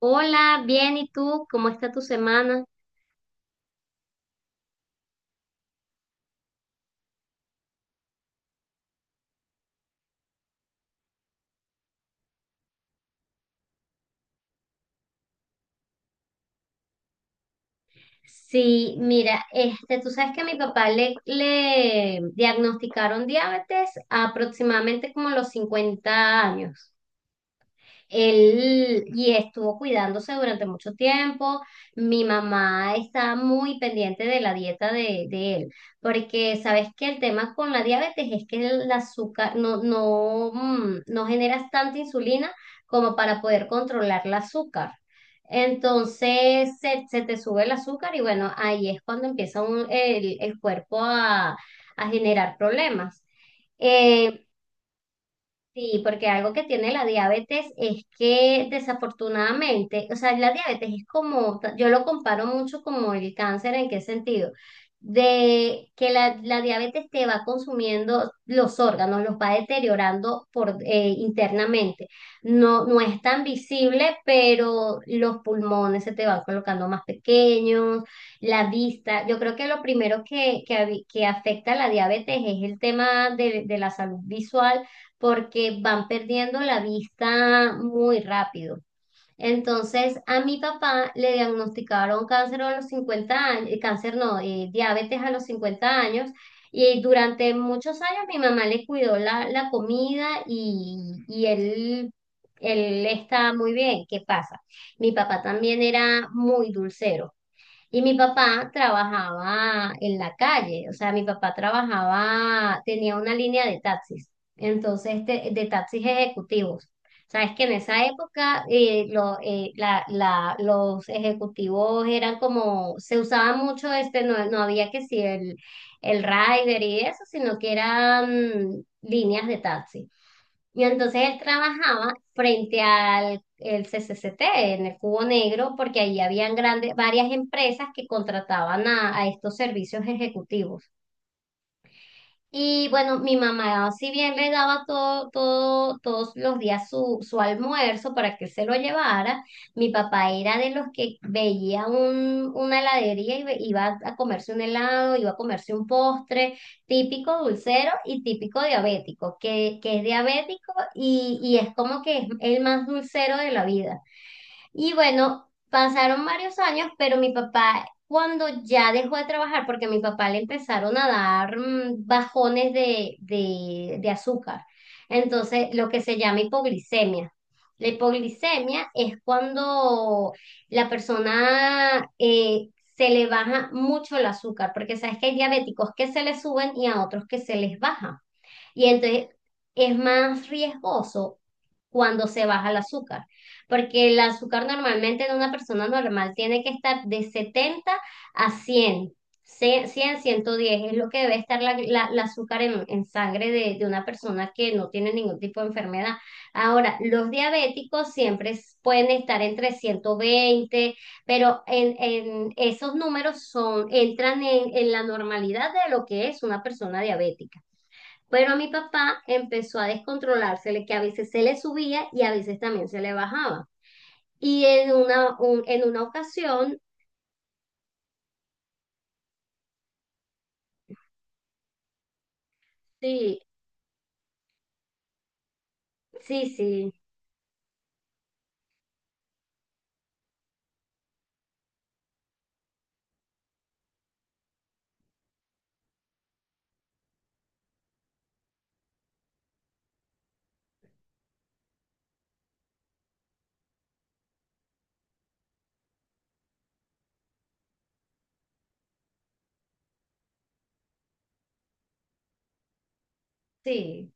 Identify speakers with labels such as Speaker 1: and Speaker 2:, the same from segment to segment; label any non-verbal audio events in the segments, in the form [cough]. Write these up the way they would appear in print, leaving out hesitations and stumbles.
Speaker 1: Hola, bien, ¿y tú? ¿Cómo está tu semana? Sí, mira, este, tú sabes que a mi papá le diagnosticaron diabetes aproximadamente como a los 50 años. Él y estuvo cuidándose durante mucho tiempo. Mi mamá está muy pendiente de la dieta de él, porque sabes que el tema con la diabetes es que el azúcar no generas tanta insulina como para poder controlar el azúcar. Entonces se te sube el azúcar y bueno, ahí es cuando empieza el cuerpo a generar problemas. Eh, Sí, porque algo que tiene la diabetes es que desafortunadamente, o sea, la diabetes es como, yo lo comparo mucho como el cáncer. ¿En qué sentido? De que la diabetes te va consumiendo los órganos, los va deteriorando por internamente. No, no es tan visible, pero los pulmones se te van colocando más pequeños, la vista. Yo creo que lo primero que afecta a la diabetes es el tema de la salud visual, porque van perdiendo la vista muy rápido. Entonces, a mi papá le diagnosticaron cáncer a los 50 años, cáncer no, diabetes a los 50 años. Y durante muchos años mi mamá le cuidó la comida y él está muy bien. ¿Qué pasa? Mi papá también era muy dulcero. Y mi papá trabajaba en la calle, o sea, mi papá trabajaba, tenía una línea de taxis, entonces de taxis ejecutivos. Sabes que en esa época los ejecutivos eran como, se usaba mucho este, no había que si el Rider y eso, sino que eran líneas de taxi. Y entonces él trabajaba frente al el C C C T, en el Cubo Negro, porque ahí habían grandes, varias empresas que contrataban a estos servicios ejecutivos. Y bueno, mi mamá, si bien le daba todo, todo, todos los días su almuerzo para que él se lo llevara, mi papá era de los que veía una heladería y iba a comerse un helado, iba a comerse un postre típico dulcero y típico diabético, que es diabético y es como que es el más dulcero de la vida. Y bueno, pasaron varios años, pero mi papá, cuando ya dejó de trabajar, porque a mi papá le empezaron a dar bajones de azúcar, entonces lo que se llama hipoglicemia. La hipoglicemia es cuando la persona se le baja mucho el azúcar, porque sabes que hay diabéticos que se les suben y a otros que se les baja. Y entonces es más riesgoso cuando se baja el azúcar, porque el azúcar normalmente en una persona normal tiene que estar de 70 a cien, 110 es lo que debe estar la azúcar en sangre de una persona que no tiene ningún tipo de enfermedad. Ahora, los diabéticos siempre pueden estar entre 120, pero en esos números son, entran en la normalidad de lo que es una persona diabética. Pero a mi papá empezó a descontrolársele, que a veces se le subía y a veces también se le bajaba. Y en en una ocasión, sí, sí, sí, sí,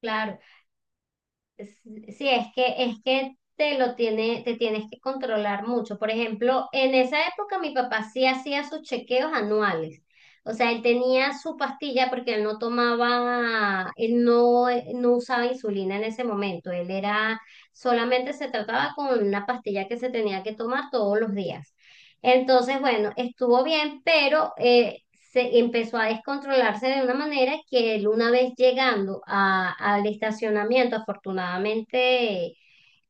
Speaker 1: claro. S- Sí, es que te lo tiene, te tienes que controlar mucho. Por ejemplo, en esa época mi papá sí hacía sus chequeos anuales. O sea, él tenía su pastilla, porque él no tomaba, él no usaba insulina en ese momento. Él era, solamente se trataba con una pastilla que se tenía que tomar todos los días. Entonces, bueno, estuvo bien, pero se empezó a descontrolarse de una manera que él una vez llegando al estacionamiento, afortunadamente eh,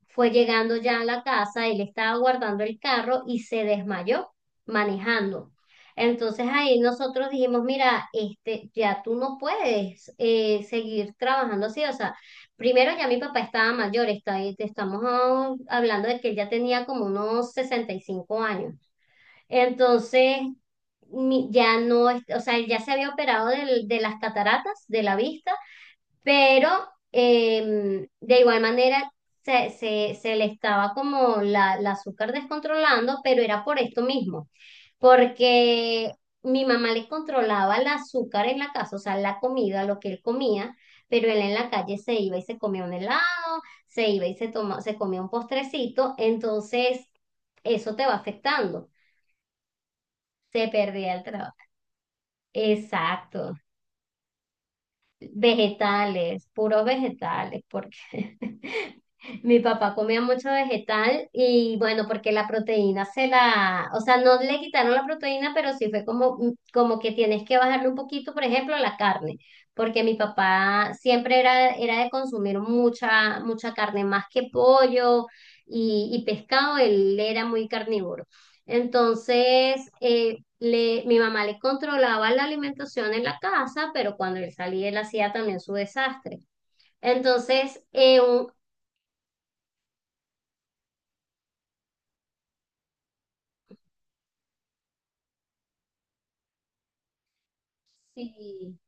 Speaker 1: fue llegando ya a la casa, él estaba guardando el carro y se desmayó manejando. Entonces ahí nosotros dijimos, mira, este, ya tú no puedes seguir trabajando así, o sea, primero ya mi papá estaba mayor, está, estamos hablando de que él ya tenía como unos 65 años. Entonces, ya no, o sea, él ya se había operado de las cataratas, de la vista, pero de igual manera se le estaba como la azúcar descontrolando, pero era por esto mismo, porque mi mamá le controlaba el azúcar en la casa, o sea, la comida, lo que él comía, pero él en la calle se iba y se comía un helado, se iba y se toma, se comía un postrecito, entonces eso te va afectando. Se perdía el trabajo. Exacto. Vegetales, puros vegetales, porque [laughs] mi papá comía mucho vegetal y bueno, porque la proteína se la, o sea, no le quitaron la proteína, pero sí fue como, como que tienes que bajarle un poquito, por ejemplo, la carne, porque mi papá siempre era, era de consumir mucha, mucha carne, más que pollo y pescado, él era muy carnívoro. Entonces, le, mi mamá le controlaba la alimentación en la casa, pero cuando él salía, él hacía también su desastre. Entonces, sí,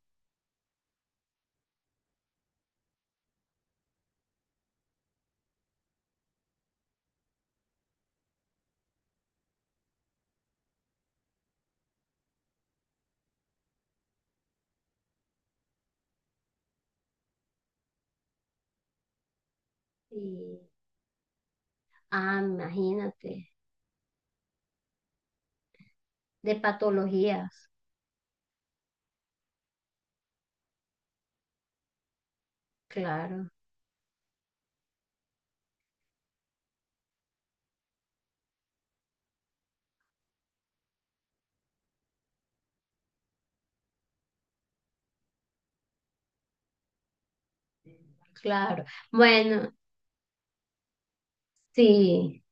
Speaker 1: sí. Ah, imagínate, de patologías, claro, claro. Bueno, sí,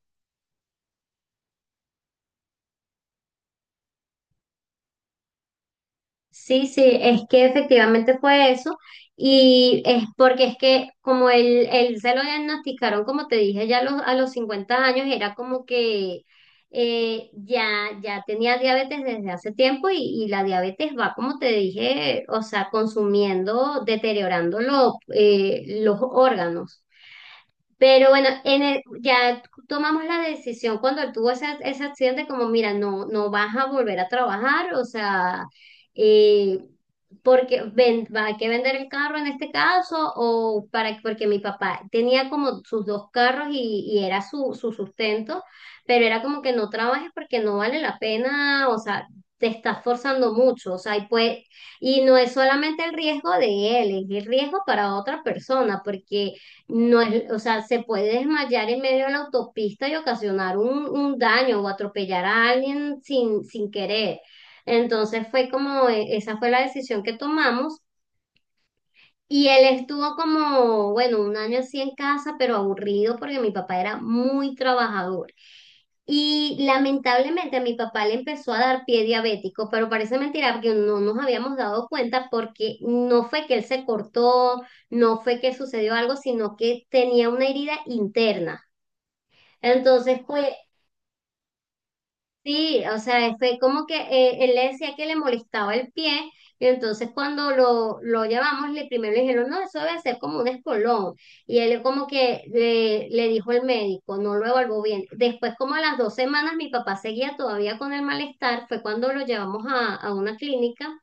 Speaker 1: sí, sí, es que efectivamente fue eso, y es porque es que como él se lo diagnosticaron, como te dije, ya a los 50 años era como que ya, ya tenía diabetes desde hace tiempo y la diabetes va, como te dije, o sea, consumiendo, deteriorando los órganos. Pero bueno, en ya tomamos la decisión cuando él tuvo ese, ese accidente, como mira, no, no vas a volver a trabajar, o sea, eh, porque ven, va, hay que vender el carro en este caso, o para, porque mi papá tenía como sus dos carros y era su sustento, pero era como que no trabajes porque no vale la pena, o sea, te estás forzando mucho, o sea, y pues, y no es solamente el riesgo de él, es el riesgo para otra persona, porque no es, o sea, se puede desmayar en medio de la autopista y ocasionar un daño o atropellar a alguien sin querer. Entonces fue como esa fue la decisión que tomamos y él estuvo como, bueno, un año así en casa, pero aburrido porque mi papá era muy trabajador. Y lamentablemente a mi papá le empezó a dar pie diabético, pero parece mentira porque no nos habíamos dado cuenta, porque no fue que él se cortó, no fue que sucedió algo, sino que tenía una herida interna. Entonces, pues sí, o sea, fue como que él le decía que le molestaba el pie, y entonces cuando lo llevamos, le primero le dijeron, no, eso debe ser como un espolón, y él como que le dijo el médico, no lo evaluó bien. Después, como a las 2 semanas, mi papá seguía todavía con el malestar, fue cuando lo llevamos a una clínica,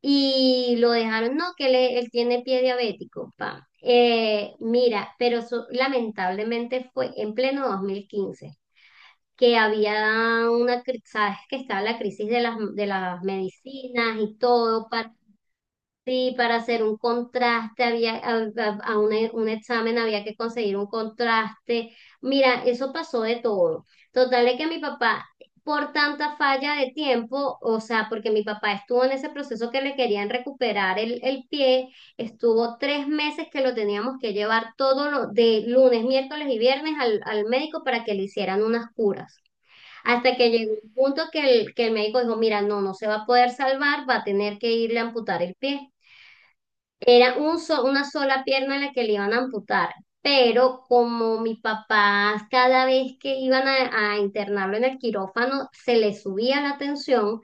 Speaker 1: y lo dejaron, no, que él tiene pie diabético, pa. Mira, pero eso lamentablemente fue en pleno 2015, que había una, sabes que estaba la crisis de las, medicinas y todo, para, sí, para hacer un contraste, había, un examen había que conseguir un contraste. Mira, eso pasó de todo. Total de que mi papá, por tanta falla de tiempo, o sea, porque mi papá estuvo en ese proceso que le querían recuperar el pie, estuvo 3 meses que lo teníamos que llevar todo lo, de lunes, miércoles y viernes al médico para que le hicieran unas curas. Hasta que llegó un punto que el médico dijo, mira, no, no se va a poder salvar, va a tener que irle a amputar el pie. Era una sola pierna la que le iban a amputar, pero como mi papá cada vez que iban a internarlo en el quirófano se le subía la tensión,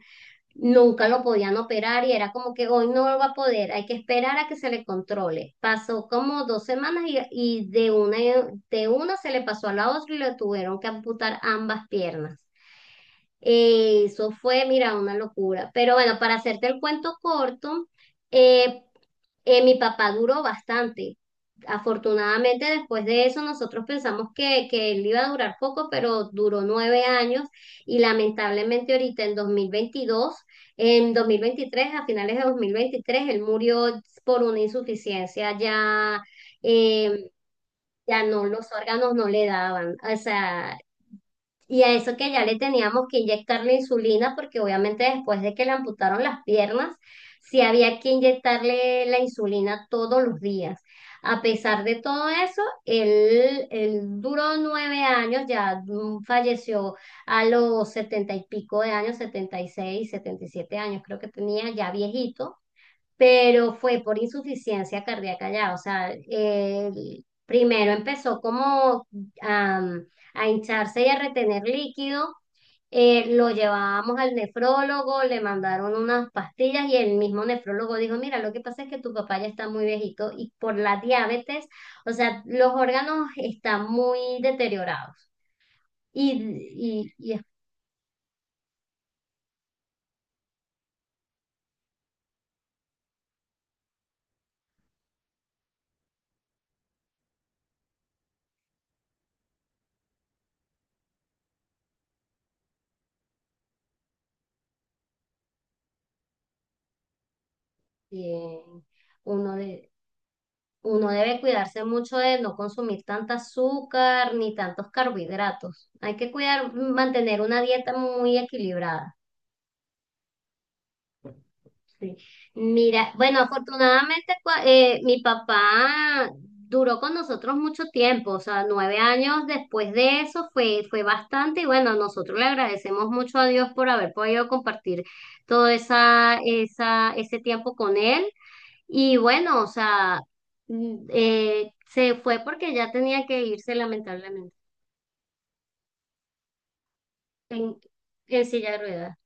Speaker 1: nunca lo podían operar y era como que hoy no lo va a poder, hay que esperar a que se le controle. Pasó como 2 semanas y de una se le pasó a la otra y le tuvieron que amputar ambas piernas. Eso fue, mira, una locura. Pero bueno, para hacerte el cuento corto, eh, mi papá duró bastante. Afortunadamente, después de eso, nosotros pensamos que él iba a durar poco, pero duró 9 años, y lamentablemente ahorita en 2022, en 2023, a finales de 2023 él murió por una insuficiencia ya eh, ya no, los órganos no le daban. O sea, y a eso que ya le teníamos que inyectar la insulina, porque obviamente después de que le amputaron las piernas, sí había que inyectarle la insulina todos los días. A pesar de todo eso, él duró 9 años, ya falleció a los setenta y pico de años, 76, 77 años, creo que tenía, ya viejito, pero fue por insuficiencia cardíaca ya, o sea, él primero empezó como am, a hincharse y a retener líquido, lo llevábamos al nefrólogo, le mandaron unas pastillas y el mismo nefrólogo dijo, mira, lo que pasa es que tu papá ya está muy viejito y por la diabetes, o sea, los órganos están muy deteriorados y, y es que uno de, uno debe cuidarse mucho de no consumir tanta azúcar ni tantos carbohidratos. Hay que cuidar, mantener una dieta muy equilibrada. Sí. Mira, bueno, afortunadamente mi papá duró con nosotros mucho tiempo, o sea, 9 años después de eso fue, fue bastante y bueno, nosotros le agradecemos mucho a Dios por haber podido compartir todo esa, esa, ese tiempo con él. Y bueno, o sea, se fue porque ya tenía que irse lamentablemente en, en silla de ruedas.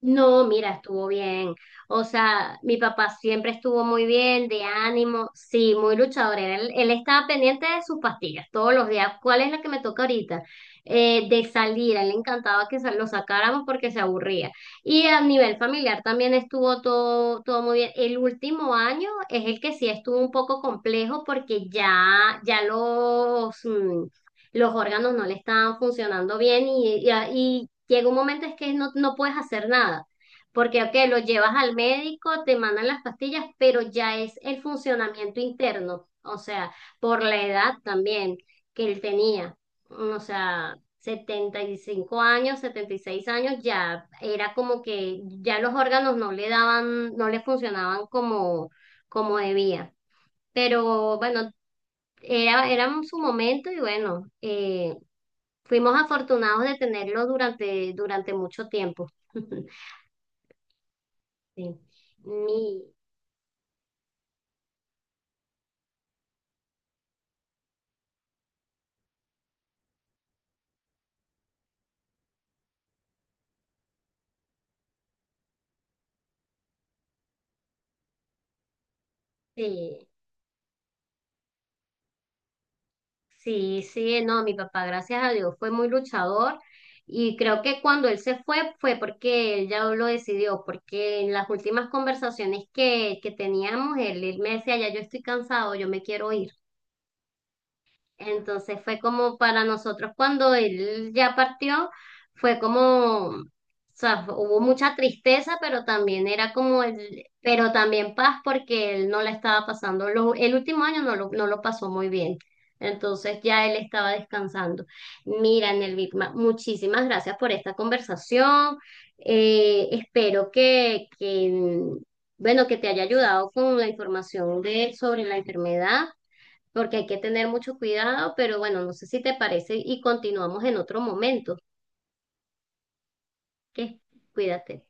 Speaker 1: No, mira, estuvo bien. O sea, mi papá siempre estuvo muy bien, de ánimo, sí, muy luchador. Él estaba pendiente de sus pastillas todos los días. ¿Cuál es la que me toca ahorita? De salir, a él le encantaba que lo sacáramos porque se aburría. Y a nivel familiar también estuvo todo, todo muy bien. El último año es el que sí estuvo un poco complejo porque ya los órganos no le estaban funcionando bien y llega un momento es que no, no puedes hacer nada, porque ok, lo llevas al médico, te mandan las pastillas, pero ya es el funcionamiento interno, o sea, por la edad también que él tenía, o sea, 75 años, 76 años, ya era como que ya los órganos no le daban, no le funcionaban como, debía. Pero bueno, era su momento y bueno, fuimos afortunados de tenerlo durante mucho tiempo. [laughs] Sí. Mi, sí, sí, sí, no, mi papá, gracias a Dios, fue muy luchador, y creo que cuando él se fue, fue porque él ya lo decidió, porque en las últimas conversaciones que teníamos, él me decía, ya yo estoy cansado, yo me quiero ir. Entonces fue como para nosotros cuando él ya partió, fue como, o sea, hubo mucha tristeza, pero también era como el, pero también paz porque él no la estaba pasando, el último año no lo, no lo pasó muy bien. Entonces ya él estaba descansando. Mira, Nelvigma, muchísimas gracias por esta conversación. Espero que bueno, que te haya ayudado con la información de, sobre la enfermedad, porque hay que tener mucho cuidado, pero bueno, no sé si te parece y continuamos en otro momento. ¿Qué? Cuídate.